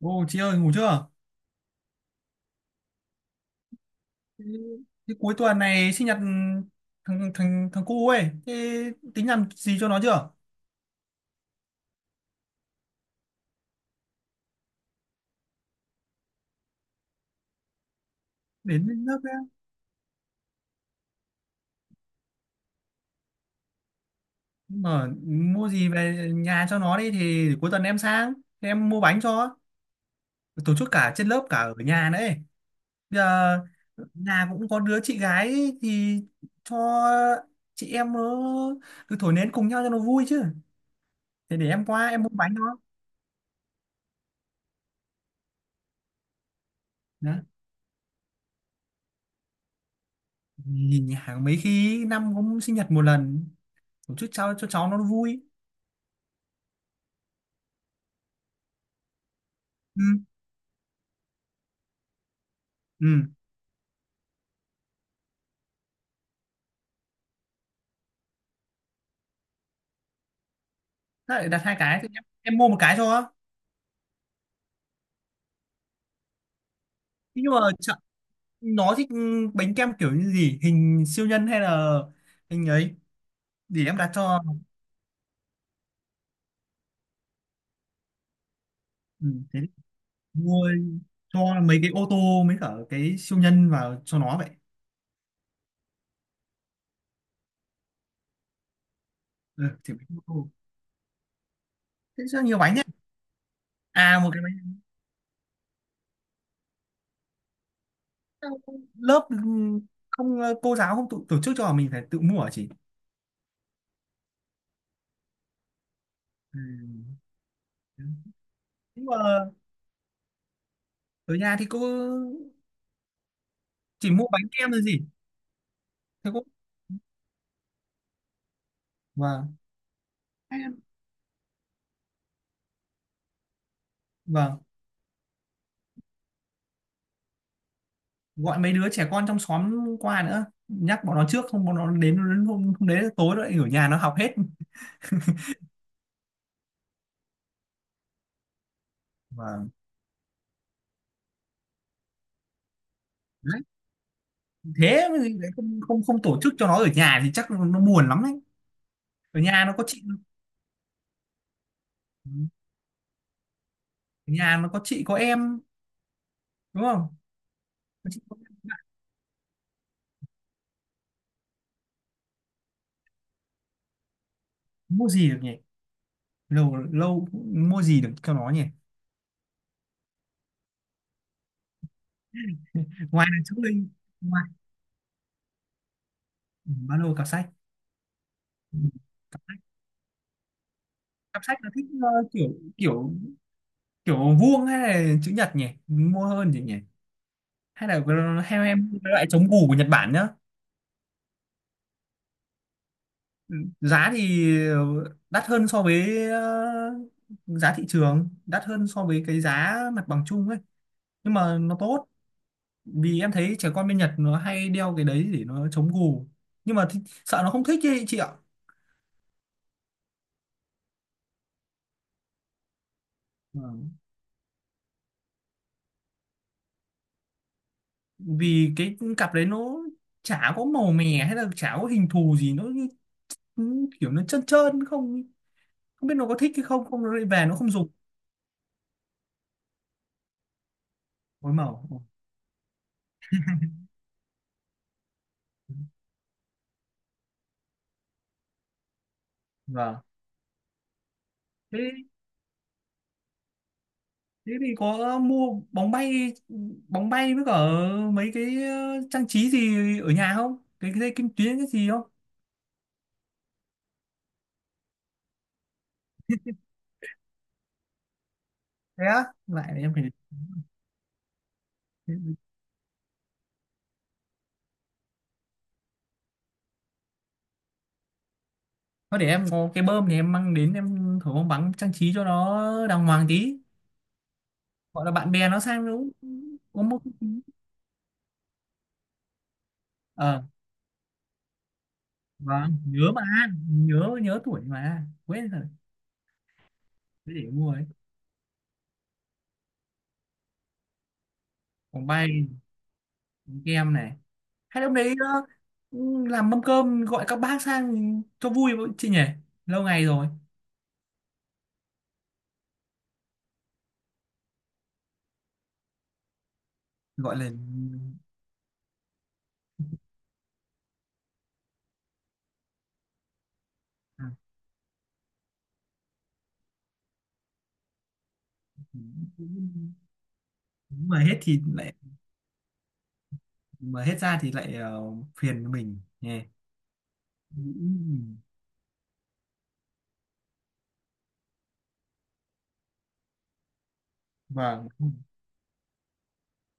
Ô chị ơi, ngủ chưa? Ừ. Thế cuối tuần này sinh nhật thằng thằng thằng cu ấy, thế tính làm gì cho nó chưa? Đến lên lớp nước ấy. Mà mua gì về nhà cho nó đi thì cuối tuần em sang. Thế em mua bánh cho. Tổ chức cả trên lớp cả ở nhà nữa ấy. Bây giờ nhà cũng có đứa chị gái ấy, thì cho chị em nó cứ thổi nến cùng nhau cho nó vui chứ. Thế để em qua em mua bánh nó. Đó. Nhìn nhà mấy khi năm cũng sinh nhật một lần, một chút cháu cho cháu nó vui. Ừ. Ừ. Thế lại đặt hai cái thì em mua một cái cho. Thế nhưng mà chợ- nó thích, bánh kem kiểu như gì hình siêu nhân hay là hình ấy, để em đặt cho. Ừ, thế thì mua cho mấy cái ô tô mấy cả cái siêu nhân vào cho nó vậy. Ừ, thì mấy cái ô tô. Thế sao nhiều bánh nhá. À, một cái bánh. Sao lớp? Ừ, Không, cô giáo không tổ chức cho mình phải tự mua hả chị? Ừ. Nhưng mà ở nhà thì cô chỉ mua bánh kem là gì? Thế cô. Vâng. Ừ. Vâng. Gọi mấy đứa trẻ con trong xóm qua nữa, nhắc bọn nó trước không bọn nó đến đến hôm đấy tối nó lại ở nhà nó học hết. Vâng. Đấy. Thế mà lại không không không tổ chức cho nó ở nhà thì chắc nó buồn lắm đấy. Ở nhà nó có chị. Ở nhà nó có chị có em, đúng không? Có chị có em, bạn. Mua gì được nhỉ? Lâu lâu mua gì được cho nó nhỉ? Ngoài là chữ linh, ngoài. Ừ, ba lô cặp sách. Ừ. Cặp sách nó thích, kiểu kiểu kiểu vuông hay là chữ nhật nhỉ? Mua hơn gì nhỉ? Hay là theo em cái loại chống củ của Nhật Bản nhá. Giá thì đắt hơn so với, giá thị trường, đắt hơn so với cái giá mặt bằng chung ấy, nhưng mà nó tốt, vì em thấy trẻ con bên Nhật nó hay đeo cái đấy để nó chống gù. Nhưng mà thì sợ nó không thích ấy chị ạ. Vâng. Vì cái cặp đấy nó chả có màu mè hay là chả có hình thù gì, nó như- như kiểu nó trơn trơn, không không biết nó có thích hay không, không nó lại về nó không dùng. Phối màu. Vâng. Thế thế thì có, mua bóng bay, bóng bay với cả mấy cái, trang trí gì ở nhà không, cái cái dây kim tuyến cái gì không? Thế á, lại để em phải. Thôi để em có cái bơm thì em mang đến em thử bóng bắn trang trí cho nó đàng hoàng tí. Gọi là bạn bè nó sang nó cũng-. Có một. Ờ. Vâng, nhớ mà. Nhớ nhớ tuổi mà quên rồi. Thế để mua ấy. Bóng bay. Bóng kem này. Hay là hôm đấy, làm mâm cơm gọi các bác sang cho vui với chị nhỉ, lâu ngày rồi. Gọi là. À. Mà hết thì lại. Mà hết ra thì lại, phiền mình nhé. Vâng.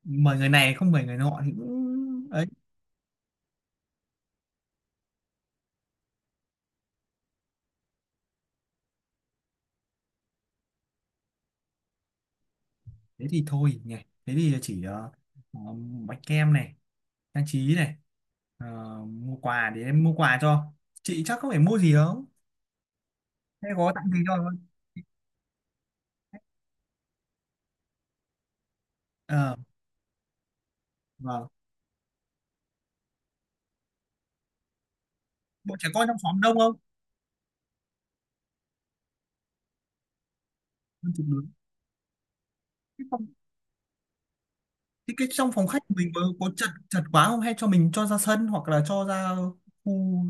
Mời người này không mời người nọ thì cũng ấy. Thế thì thôi nhỉ. Thế thì chỉ, ờ, bánh kem này, trang trí này, ờ, mua quà. Để em mua quà cho. Chị chắc không phải mua gì không? Thế có tặng gì cho không? Ờ. Vâng. Bộ trẻ con trong xóm đông không? Hơn chục đứa. Thế không. Thế cái trong phòng khách mình có chật chật quá không hay cho mình cho ra sân hoặc là cho ra khu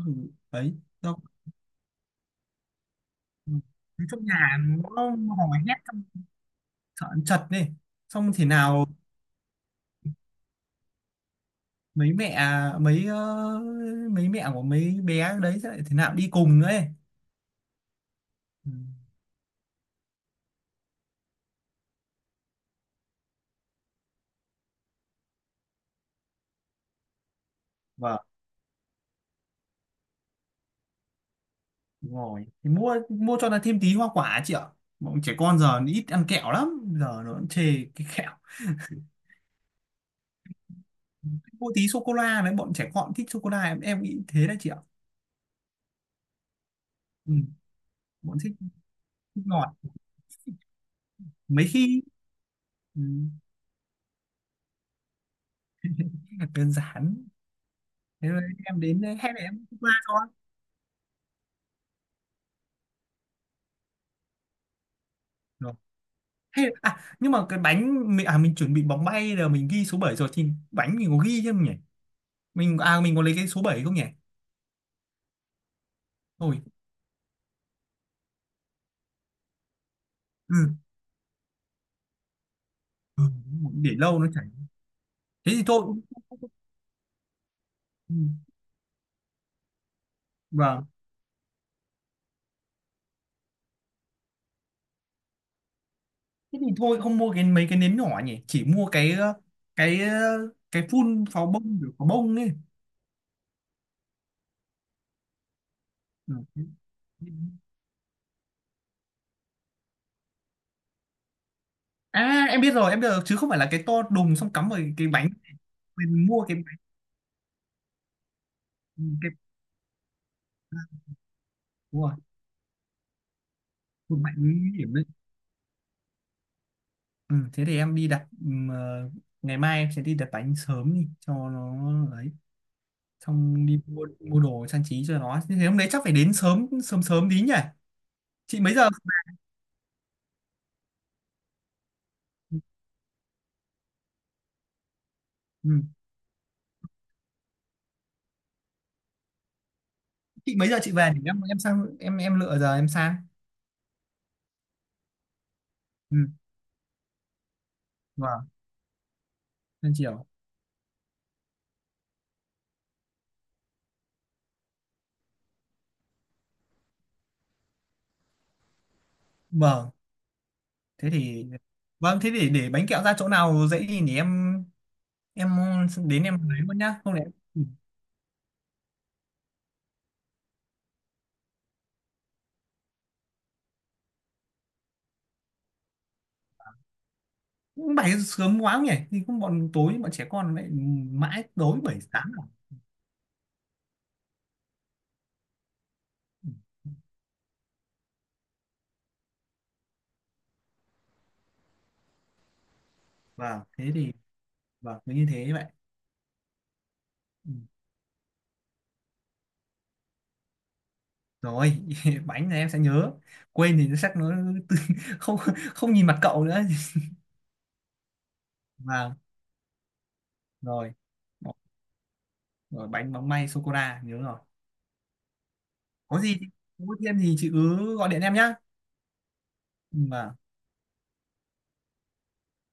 đấy? Đâu. Ừ. Thế trong nhà nó hò hét trong, sợ chật này, xong thế nào. Mấy mẹ, mấy, mấy mẹ của mấy bé đấy sẽ lại thế nào đi cùng nữa ấy. Ừ. Vâng. Đúng rồi, thì mua mua cho nó thêm tí hoa quả chị ạ. Bọn trẻ con giờ nó ít ăn kẹo lắm, giờ nó cũng chê cái kẹo. Mua tí sô cô la đấy, bọn trẻ con thích sô cô la, em nghĩ thế đấy chị ạ. Ừ, bọn thích, thích ngọt. Mấy khi. Ừ, là đơn giản. Thế rồi em đến đây hay là em qua cho? Rồi. Hay là, à nhưng mà cái bánh mình, à mình chuẩn bị bóng bay rồi mình ghi số 7 rồi thì bánh mình có ghi chứ không nhỉ? Mình, à mình có lấy cái số bảy không nhỉ? Thôi. Ừ. Ừ, để lâu nó chảy. Thế thì thôi. Ừ. Vâng, thế thì thôi không mua cái mấy cái nến nhỏ nhỉ, chỉ mua cái, cái, cái phun pháo bông kiểu pháo bông ấy. Ừ. À em biết rồi, chứ không phải là cái to đùng xong cắm vào cái bánh. Mình mua cái. Đúng rồi. Hụt mạnh nguy hiểm đấy. Ừ, thế thì em đi đặt, ngày mai em sẽ đi đặt bánh sớm đi cho nó ấy, xong đi mua mua đồ trang trí cho nó. Thế hôm đấy chắc phải đến sớm sớm sớm tí nhỉ. Chị mấy giờ? Ừ. Chị mấy giờ chị về để em sang em lựa giờ em sang? Ừ. Vâng. Em chiều. Vâng, thế thì. Vâng thế thì để bánh kẹo ra chỗ nào dễ thì để em đến em lấy luôn nhá không lẽ. Cũng 7 giờ sớm quá không nhỉ thì cũng bọn tối bọn trẻ con lại mãi tối 7 sáng. Ừ. Vâng, thế thì. Vâng, cứ như thế vậy. Ừ. Rồi, bánh này em sẽ nhớ. Quên thì nó chắc nó không không nhìn mặt cậu nữa. Vâng, rồi. Rồi, bánh móng may sô cô la nhớ rồi. Có gì thì có thêm gì chị cứ gọi điện em nhá. Ừ. Vâng.